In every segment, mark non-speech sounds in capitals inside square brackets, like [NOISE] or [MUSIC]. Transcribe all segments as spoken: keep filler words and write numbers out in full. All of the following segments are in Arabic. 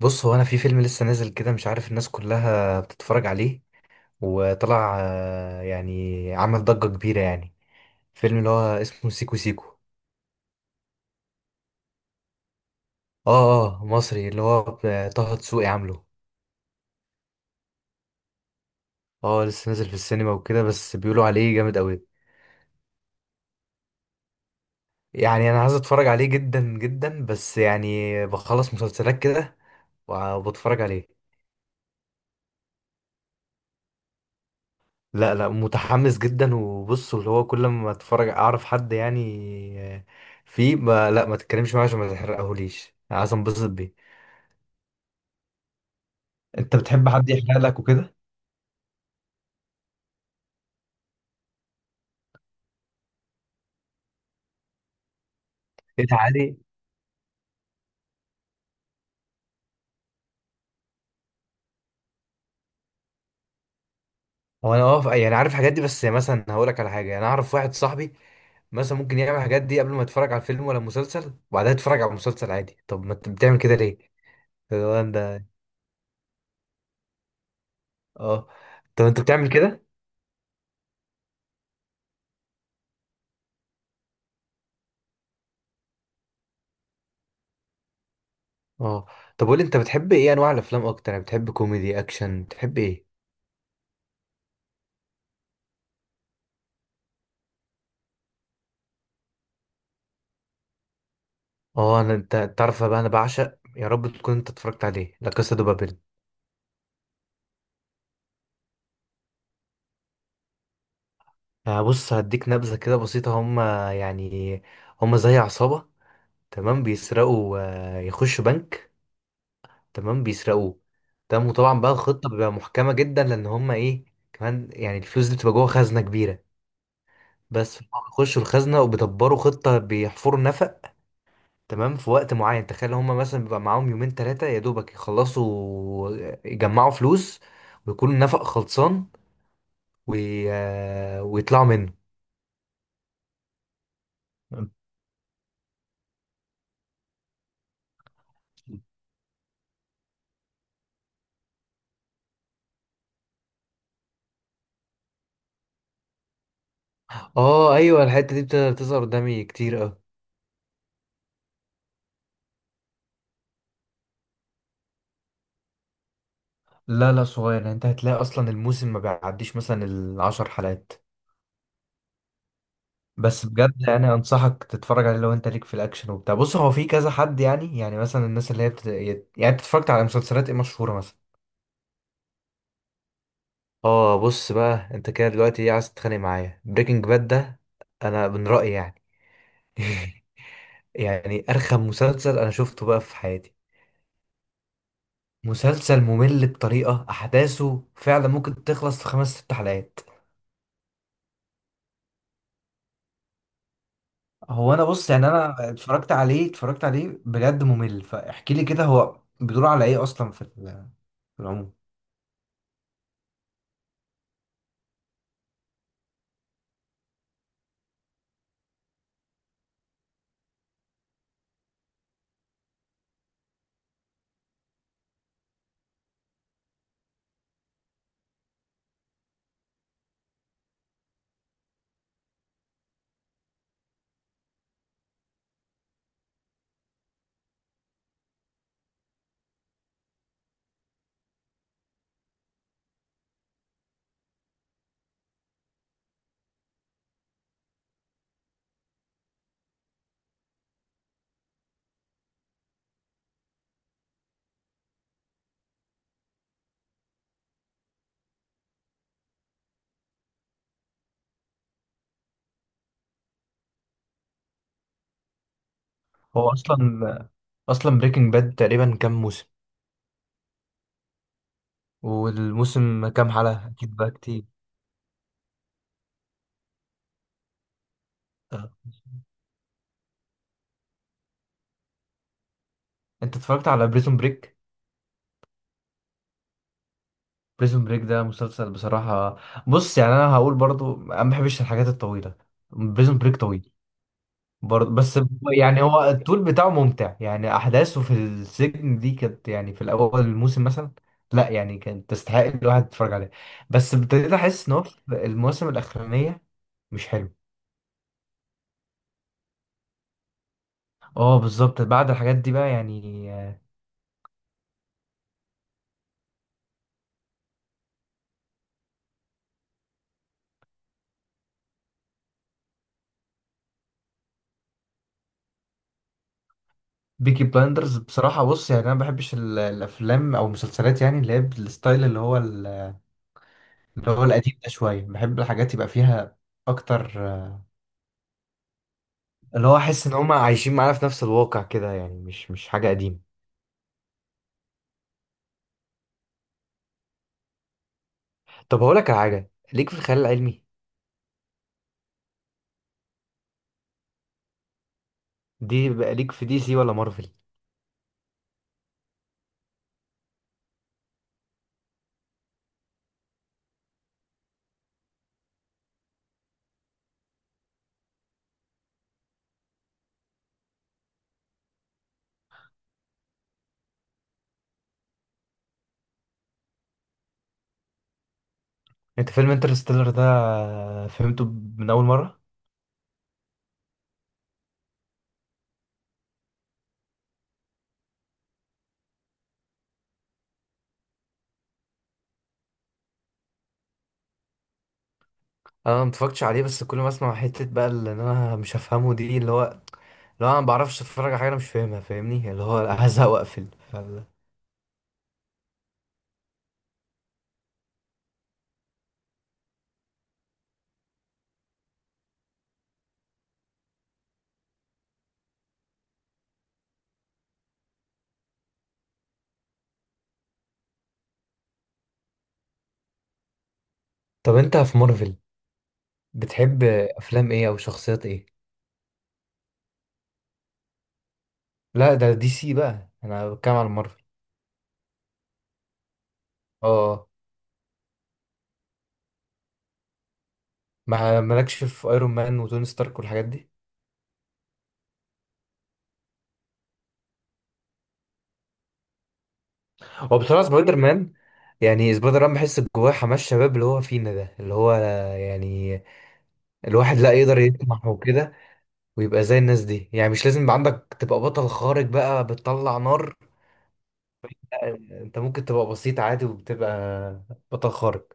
بص هو انا في فيلم لسه نازل كده مش عارف الناس كلها بتتفرج عليه وطلع آه، يعني عمل ضجة كبيرة يعني. فيلم اللي هو اسمه سيكو سيكو. اه اه مصري اللي هو ب- طه دسوقي عامله. اه لسه نازل في السينما وكده بس بيقولوا عليه جامد قوي. يعني انا عايز اتفرج عليه جدا جدا بس يعني بخلص مسلسلات كده وبتفرج عليه. لا لا متحمس جدا وبص اللي هو كل ما اتفرج اعرف حد، يعني فيه ما لا ما تتكلمش معاه عشان ما تحرقهوليش، عايز انبسط بيه. انت بتحب حد يحرق لك وكده؟ ايه تعالي. هو انا واقف يعني عارف الحاجات دي، بس مثلا هقول لك على حاجه. يعني انا اعرف واحد صاحبي مثلا ممكن يعمل الحاجات دي قبل ما يتفرج على الفيلم ولا المسلسل وبعدها يتفرج على المسلسل عادي. طب ما انت بتعمل كده ليه؟ هو انت. اه. طب انت بتعمل كده؟ اه. طب قول لي انت بتحب ايه انواع الافلام اكتر، يعني بتحب كوميدي اكشن بتحب ايه؟ اه انا انت تعرف بقى انا بعشق، يا رب تكون انت اتفرجت عليه، لا كاسا دو بابيل. آه، بص هديك نبذه كده بسيطه. هم يعني هم زي عصابه، تمام، بيسرقوا، آه، يخشوا بنك، تمام، بيسرقوه، تمام. وطبعا بقى الخطه بتبقى محكمه جدا لان هم ايه كمان، يعني الفلوس دي بتبقى جوه خزنه كبيره. بس هم بيخشوا الخزنه وبيدبروا خطه، بيحفروا نفق، تمام، في وقت معين. تخيل هم مثلا بيبقى معاهم يومين ثلاثه يا دوبك يخلصوا، آه، يجمعوا فلوس ويكون النفق خلصان، وي... آه، ويطلعوا منه. اه ايوه الحته دي بت- بتظهر قدامي كتير اه. لا لا صغير، يعني انت هتلاقي اصلا الموسم ما بيعديش مثلا العشر حلقات. بس بجد يعني انصحك تتفرج عليه لو انت ليك في الاكشن وبتاع. بص هو في كذا حد يعني، يعني مثلا الناس اللي هي بت... يعني انت اتفرجت على مسلسلات ايه مشهوره مثلا؟ اه بص بقى انت كده دلوقتي ايه، عايز تتخانق معايا؟ بريكنج باد ده انا من رايي يعني [LAUGHS] يعني ارخم مسلسل انا شفته بقى في حياتي. مسلسل ممل بطريقة أحداثه، فعلا ممكن تخلص في خمس ست حلقات. هو أنا بص يعني أنا اتفرجت عليه اتفرجت عليه بجد ممل. فاحكي لي كده هو بيدور على إيه أصلا في ال- في العموم؟ هو أصلا أصلا بريكنج باد تقريبا كام موسم؟ والموسم كام حلقة؟ أكيد بقى كتير. آه. أنت اتفرجت على بريزون بريك؟ بريزون بريك ده مسلسل بصراحة. بص يعني أنا هقول برضو أنا ما بحبش الحاجات الطويلة، بريزون بريك طويل برضه. بس هو- يعني هو الطول بتاعه ممتع، يعني احداثه في السجن دي كانت، يعني في الاول الموسم مثلا، لا يعني كانت تستحق الواحد يتفرج عليها. بس ابتديت احس ان هو في المواسم الاخرانيه مش حلو. اه بالظبط بعد الحاجات دي بقى يعني. بيكي بلاندرز بصراحه، بص يعني انا ما بحبش ال- الافلام او المسلسلات يعني اللي هي بالستايل اللي هو ال- اللي هو القديم ده شويه. بحب الحاجات يبقى فيها اكتر آه، اللي هو احس ان هم عايشين معانا في نفس الواقع كده، يعني مش مش حاجه قديمه. طب هقول لك على حاجه ليك في الخيال العلمي؟ دي بقى ليك في دي سي ولا مارفل؟ انت فيلم انترستيلر ده فهمته من اول مره؟ انا ما اتفرجتش عليه بس كل ما اسمع حته بقى اللي انا مش هفهمه دي اللي هو، اللي هو انا ما بعرفش اتفرج على حاجه انا مش فاهمها، فاهمني اللي هو [LAUGHS] هزهق واقفل. ف- طب انت في مارفل بتحب افلام ايه او شخصيات ايه؟ لا ده دي سي، بقى انا بتكلم على مارفل. اه. ما مالكش في ايرون مان وتوني ستارك والحاجات دي؟ هو بصراحة سبايدر مان، يعني سبايدر مان بحس جواه حماس شباب اللي هو فينا ده اللي هو، يعني الواحد لا يقدر يطمح وكده ويبقى زي الناس دي. يعني مش لازم يبقى عندك تبقى بطل خارق بقى بتطلع نار، لا، انت ممكن تبقى بسيط عادي وبتبقى بطل خارق.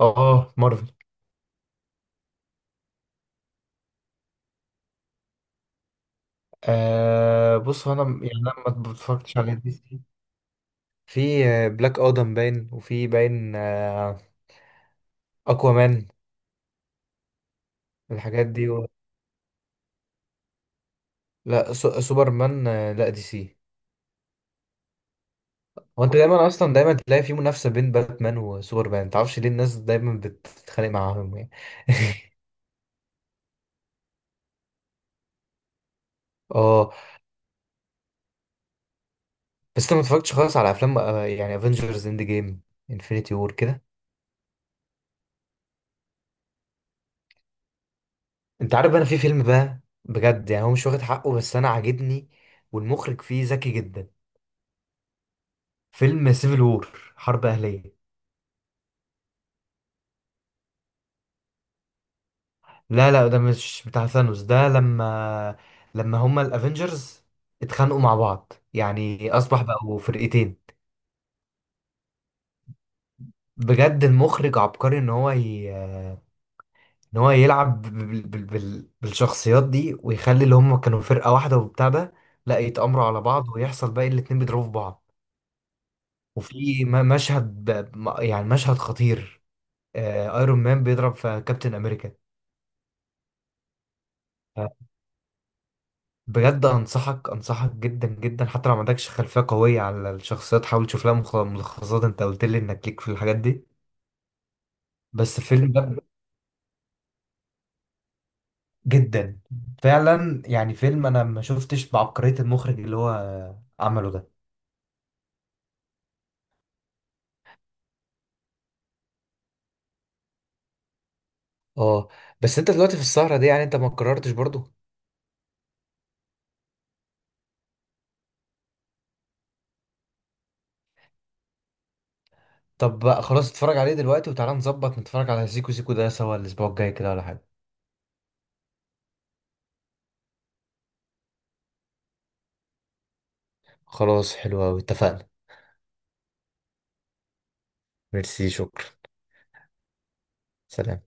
اه مارفل. آه بص هو انا م- يعني انا ما بتفرجتش على دي سي. في آه، بلاك ادم باين وفي باين اكوامان، الحاجات دي و... لا سو... سوبرمان آه، لا دي سي. هو انت دايما اصلا دايما تلاقي في منافسه بين باتمان وسوبرمان، متعرفش ليه الناس دايما بتتخانق معاهم يعني. [LAUGHS] اه. بس انت ما اتفرجتش خالص على افلام، آه، يعني افنجرز اند جيم انفينيتي وور كده؟ انت عارف انا في فيلم بقى بجد، يعني هو مش واخد حقه بس انا عاجبني والمخرج فيه ذكي جدا. فيلم سيفل وور، حرب اهليه. لا لا ده مش بتاع ثانوس. ده لما لما هما الافنجرز اتخانقوا مع بعض، يعني اصبح بقوا فرقتين. بجد المخرج عبقري ان هو ي... ان هو يلعب بال... بال... بال... بالشخصيات دي ويخلي اللي هم كانوا فرقة واحدة وبتاع ده، لا يتآمروا على بعض ويحصل بقى الاتنين بيضربوا في بعض. وفي م... مشهد ب... م- يعني مشهد خطير آه... ايرون مان بيضرب في كابتن امريكا. آه، بجد انصحك انصحك جدا جدا حتى لو ما عندكش خلفية قوية على الشخصيات، حاول تشوف لها مخ- ملخصات. انت قلت لي انك ليك في الحاجات دي. بس الفيلم ده جدا فعلا، يعني فيلم انا ما شفتش بعبقرية المخرج اللي هو عمله ده. اه بس انت دلوقتي في السهرة دي يعني انت ما قررتش برضو؟ طب بقى خلاص اتفرج عليه دلوقتي وتعالى نظبط نتفرج على سيكو سيكو ده سوا الاسبوع الجاي كده ولا حاجة. خلاص حلو أوي، اتفقنا. ميرسي، شكرا. سلام.